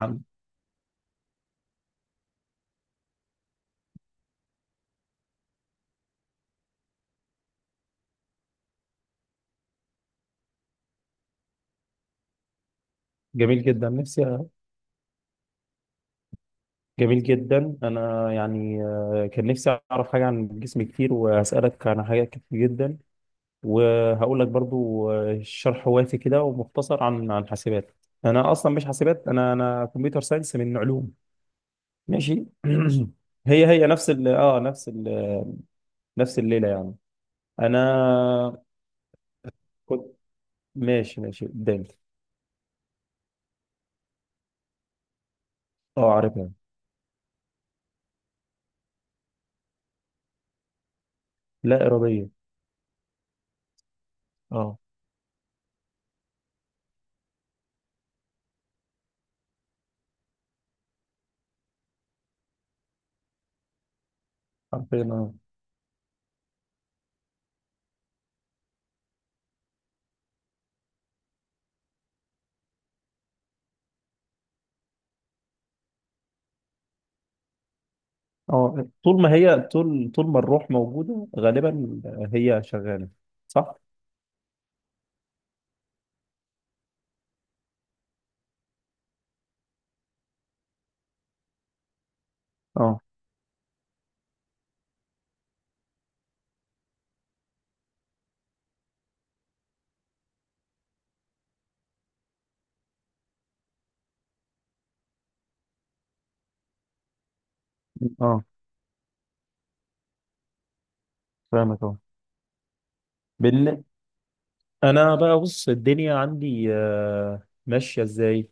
عم- جميل جدا، نفسي. جميل جدا، انا يعني كان نفسي اعرف حاجه عن الجسم كتير واسالك عن حاجات كتير جدا. وهقول لك برضو شرح وافي كده ومختصر عن حاسبات. انا اصلا مش حاسبات، انا كمبيوتر ساينس من علوم. ماشي. هي نفس ال نفس الليله يعني. انا كنت ماشي قدامي. اه، عارفها. لا اراديه. اه، عارفين. اه طول ما هي، طول ما الروح موجودة غالبا هي شغالة. صح؟ اه. اه فاهمك اه. بال... انا بقى بص، الدنيا عندي ماشيه ازاي.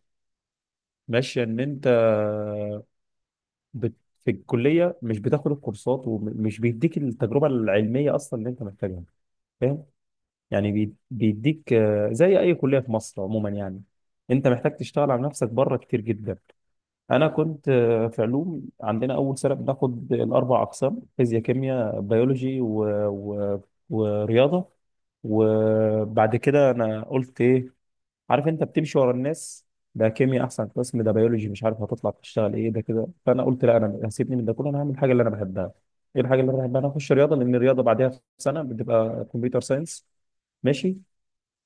ماشيه ان انت بت... في الكليه مش بتاخد الكورسات ومش بيديك التجربه العلميه اصلا اللي انت محتاجها، فاهم. يعني بيديك زي اي كليه في مصر عموما يعني. انت محتاج تشتغل على نفسك بره كتير جدا. انا كنت في علوم، عندنا اول سنه بناخد الاربع اقسام: فيزياء، كيمياء، بيولوجي ورياضه. وبعد كده انا قلت ايه؟ عارف انت بتمشي ورا الناس، ده كيمياء احسن قسم، ده بيولوجي مش عارف هتطلع تشتغل ايه، ده كده. فانا قلت لا، انا هسيبني من ده كله، انا هعمل الحاجه اللي انا بحبها. ايه الحاجه اللي انا بحبها؟ انا اخش رياضه، لان الرياضه بعدها في سنه بتبقى كمبيوتر ساينس. ماشي.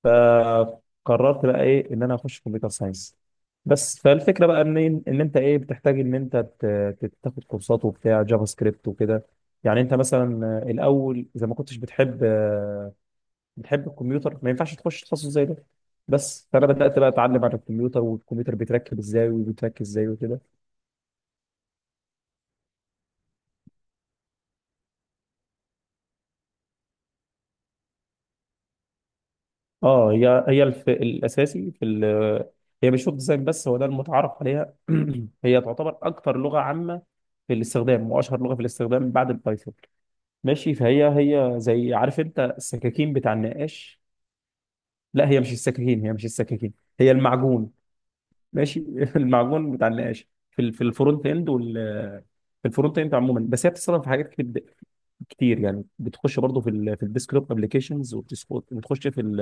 فقررت بقى ايه؟ ان انا اخش كمبيوتر ساينس بس. فالفكره بقى ان ان انت ايه، بتحتاج ان انت تاخد كورسات وبتاع جافا سكريبت وكده. يعني انت مثلا الاول اذا ما كنتش بتحب، بتحب الكمبيوتر، ما ينفعش تخش تخصص زي ده. بس فانا بدات بقى اتعلم عن الكمبيوتر، والكمبيوتر بيتركب ازاي وبيتركب ازاي وكده. اه، هي الاساسي في ال. هي مش ويب ديزاين بس، هو ده المتعارف عليها. هي تعتبر اكتر لغه عامه في الاستخدام، واشهر لغه في الاستخدام بعد البايثون. ماشي. فهي زي، عارف انت السكاكين بتاع النقاش. لا، هي مش السكاكين، هي المعجون. ماشي. المعجون بتاع النقاش في في الفرونت اند وال، في الفرونت اند عموما. بس هي بتستخدم في حاجات كتير يعني. بتخش برضه في في الديسكتوب ابلكيشنز، وبتخش في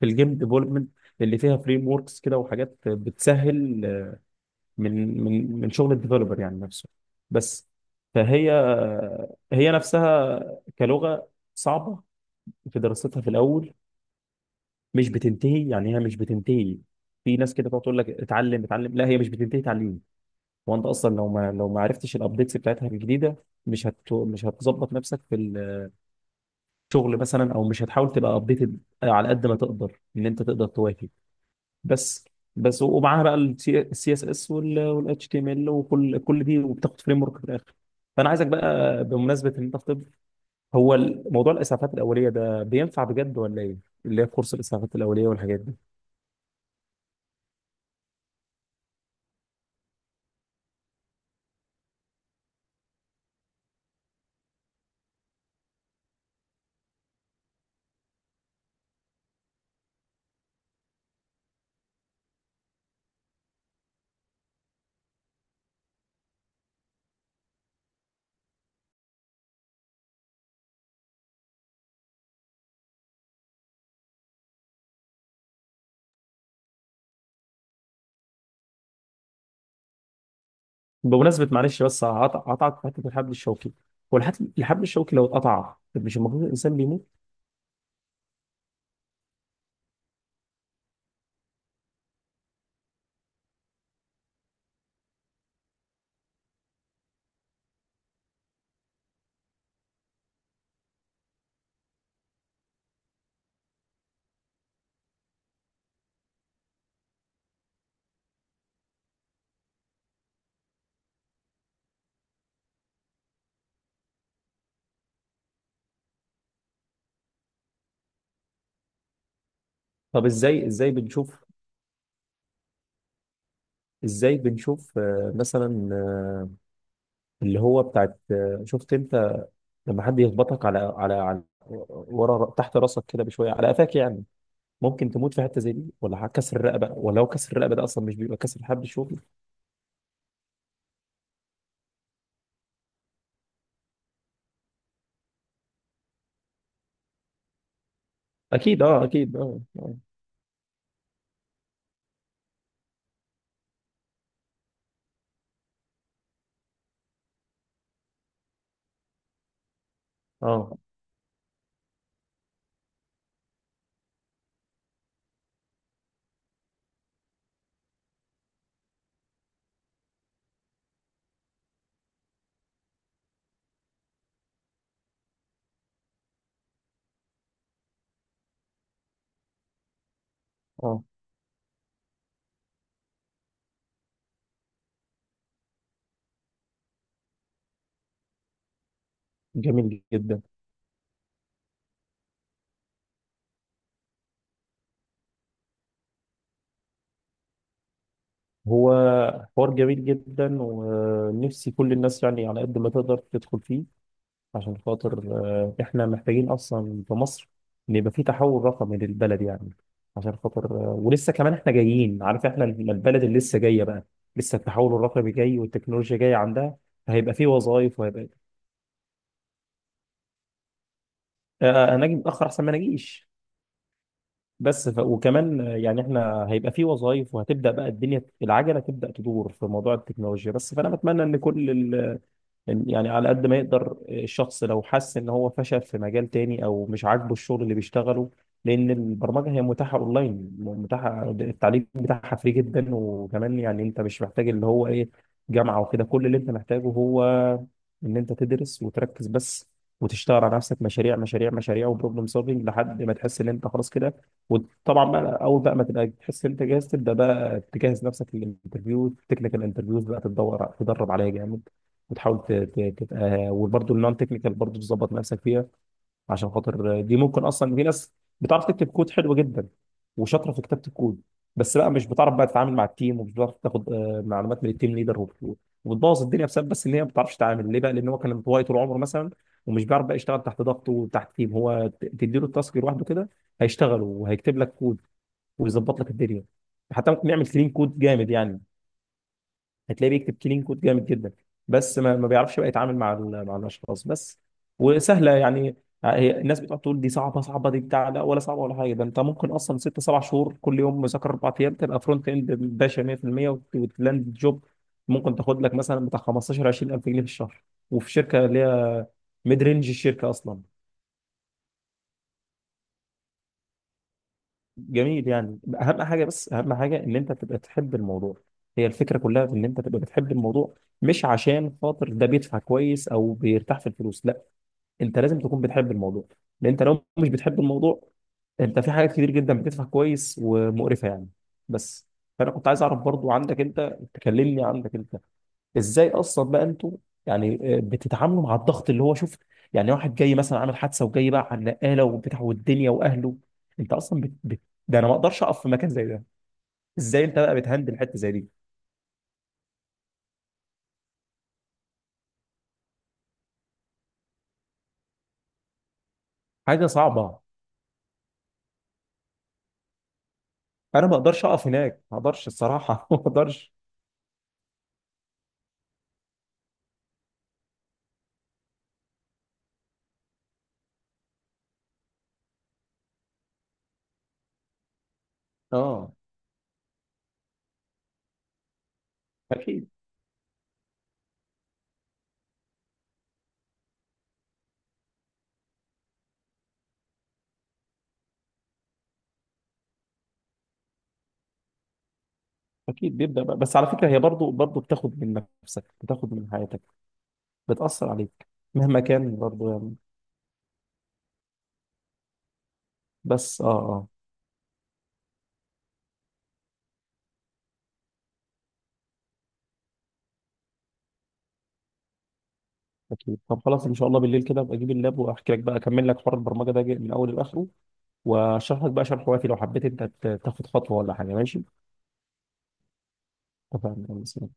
في الجيم ديفلوبمنت اللي فيها فريم وركس كده، وحاجات بتسهل من شغل الديفلوبر يعني نفسه بس. فهي نفسها كلغة صعبة في دراستها في الأول. مش بتنتهي، يعني هي مش بتنتهي. في ناس كده تقعد تقول لك اتعلم اتعلم، لا هي مش بتنتهي تعليم. وانت اصلا لو ما عرفتش الابديتس بتاعتها الجديده، مش هتظبط نفسك في الشغل مثلا، او مش هتحاول تبقى ابديتد على قد ما تقدر ان انت تقدر تواكب بس. بس ومعاها بقى السي اس اس والاتش تي ام ال وكل دي، وبتاخد فريم ورك في الاخر. فانا عايزك بقى، بمناسبه ان انت في طب، هو موضوع الاسعافات الاوليه ده بينفع بجد ولا ايه؟ اللي هي كورس الاسعافات الاوليه والحاجات دي. بمناسبه، معلش بس هقطعك في حته الحبل الشوكي. هو الحبل الشوكي لو اتقطع، طب مش المفروض الانسان بيموت؟ طب ازاي بنشوف؟ ازاي بنشوف مثلا اللي هو بتاعت شفت انت لما حد يخبطك على على ورا تحت راسك كده بشويه، على قفاك يعني. ممكن تموت في حته زي دي؟ ولا كسر الرقبه؟ ولو كسر الرقبه ده، اصلا مش بيبقى كسر حبل شوكي. اكيد. اه، اكيد. اه اه آه، جميل جدا. هو حوار جميل جدا، ونفسي كل الناس يعني على قد ما تقدر تدخل فيه، عشان خاطر احنا محتاجين اصلا في مصر ان يبقى في تحول رقمي للبلد يعني. عشان خاطر ولسه كمان احنا جايين، عارف احنا البلد اللي لسه جايه بقى، لسه التحول الرقمي جاي والتكنولوجيا جايه عندها. فهيبقى في وظائف وهيبقى آه، انا اجي متاخر احسن ما انا اجيش. بس وكمان يعني احنا هيبقى في وظائف، وهتبدا بقى الدنيا العجله تبدا تدور في موضوع التكنولوجيا بس. فانا بتمنى ان كل يعني على قد ما يقدر الشخص لو حس ان هو فشل في مجال تاني او مش عاجبه الشغل اللي بيشتغله، لان البرمجه هي متاحه اونلاين، متاحه التعليم بتاعها فري جدا. وكمان يعني انت مش محتاج اللي هو ايه، جامعه وكده، كل اللي انت محتاجه هو ان انت تدرس وتركز بس، وتشتغل على نفسك مشاريع مشاريع مشاريع وبروبلم سولفنج، لحد ما تحس ان انت خلاص كده. وطبعا بقى اول بقى ما تبقى تحس ان انت جاهز، تبدا بقى تجهز نفسك للانترفيو، تكنيكال انترفيوز بقى تدور تدرب عليها جامد. وتحاول تبقى، وبرده النون تكنيكال برضه تظبط نفسك فيها، عشان خاطر دي ممكن اصلا في ناس بتعرف تكتب كود حلو جدا وشاطره في كتابه الكود، بس بقى مش بتعرف بقى تتعامل مع التيم، ومش بتعرف تاخد معلومات من التيم ليدر، وبتبوظ الدنيا بسبب بس ان هي ما بتعرفش تتعامل. ليه بقى؟ لان هو كان انطوائي طول عمره مثلا، ومش بيعرف بقى يشتغل تحت ضغط وتحت تيم. هو تديله التاسك لوحده كده، هيشتغل وهيكتب لك كود ويظبط لك الدنيا، حتى ممكن يعمل كلين كود جامد يعني. هتلاقيه بيكتب كلين كود جامد جدا، بس ما بيعرفش بقى يتعامل مع مع الاشخاص بس. وسهله يعني. هي الناس بتقعد تقول دي صعبه، دي بتاع، لا ولا صعبه ولا حاجه. ده انت ممكن اصلا ست سبع شهور كل يوم مذاكره اربع ايام، تبقى فرونت اند باشا 100%، وتلاند جوب. ممكن تاخد لك مثلا بتاع 15 20000 جنيه في الشهر، وفي شركه اللي هي ميد رينج الشركه اصلا. جميل يعني. اهم حاجه، بس اهم حاجه ان انت تبقى تحب الموضوع. هي الفكره كلها في ان انت تبقى بتحب الموضوع، مش عشان خاطر ده بيدفع كويس او بيرتاح في الفلوس، لا. انت لازم تكون بتحب الموضوع، لان انت لو مش بتحب الموضوع، انت في حاجات كتير جدا بتدفع كويس ومقرفه يعني، بس. فانا كنت عايز اعرف برضو عندك انت، تكلمني عندك انت ازاي اصلا بقى انتوا يعني بتتعاملوا مع الضغط اللي هو شوف. يعني واحد جاي مثلا عامل حادثه وجاي بقى على النقاله وبتاع والدنيا واهله، انت اصلا ده انا ما اقدرش اقف في مكان زي ده. ازاي انت بقى بتهندل حته زي دي؟ حاجه صعبه. انا ما اقدرش اقف هناك، ما اقدرش الصراحه. ما اقدرش. اه، اكيد. اكيد بيبدا بقى. بس على فكره هي برضو بتاخد من نفسك، بتاخد من حياتك، بتاثر عليك مهما كان برضو يعني. بس اه أكيد. طب خلاص، إن شاء الله بالليل كده أبقى أجيب اللاب وأحكي لك بقى، أكمل لك حوار البرمجة ده من أوله لآخره، وأشرح لك بقى شرح وافي لو حبيت أنت تاخد خطوة ولا حاجة. ماشي؟ اتفقنا.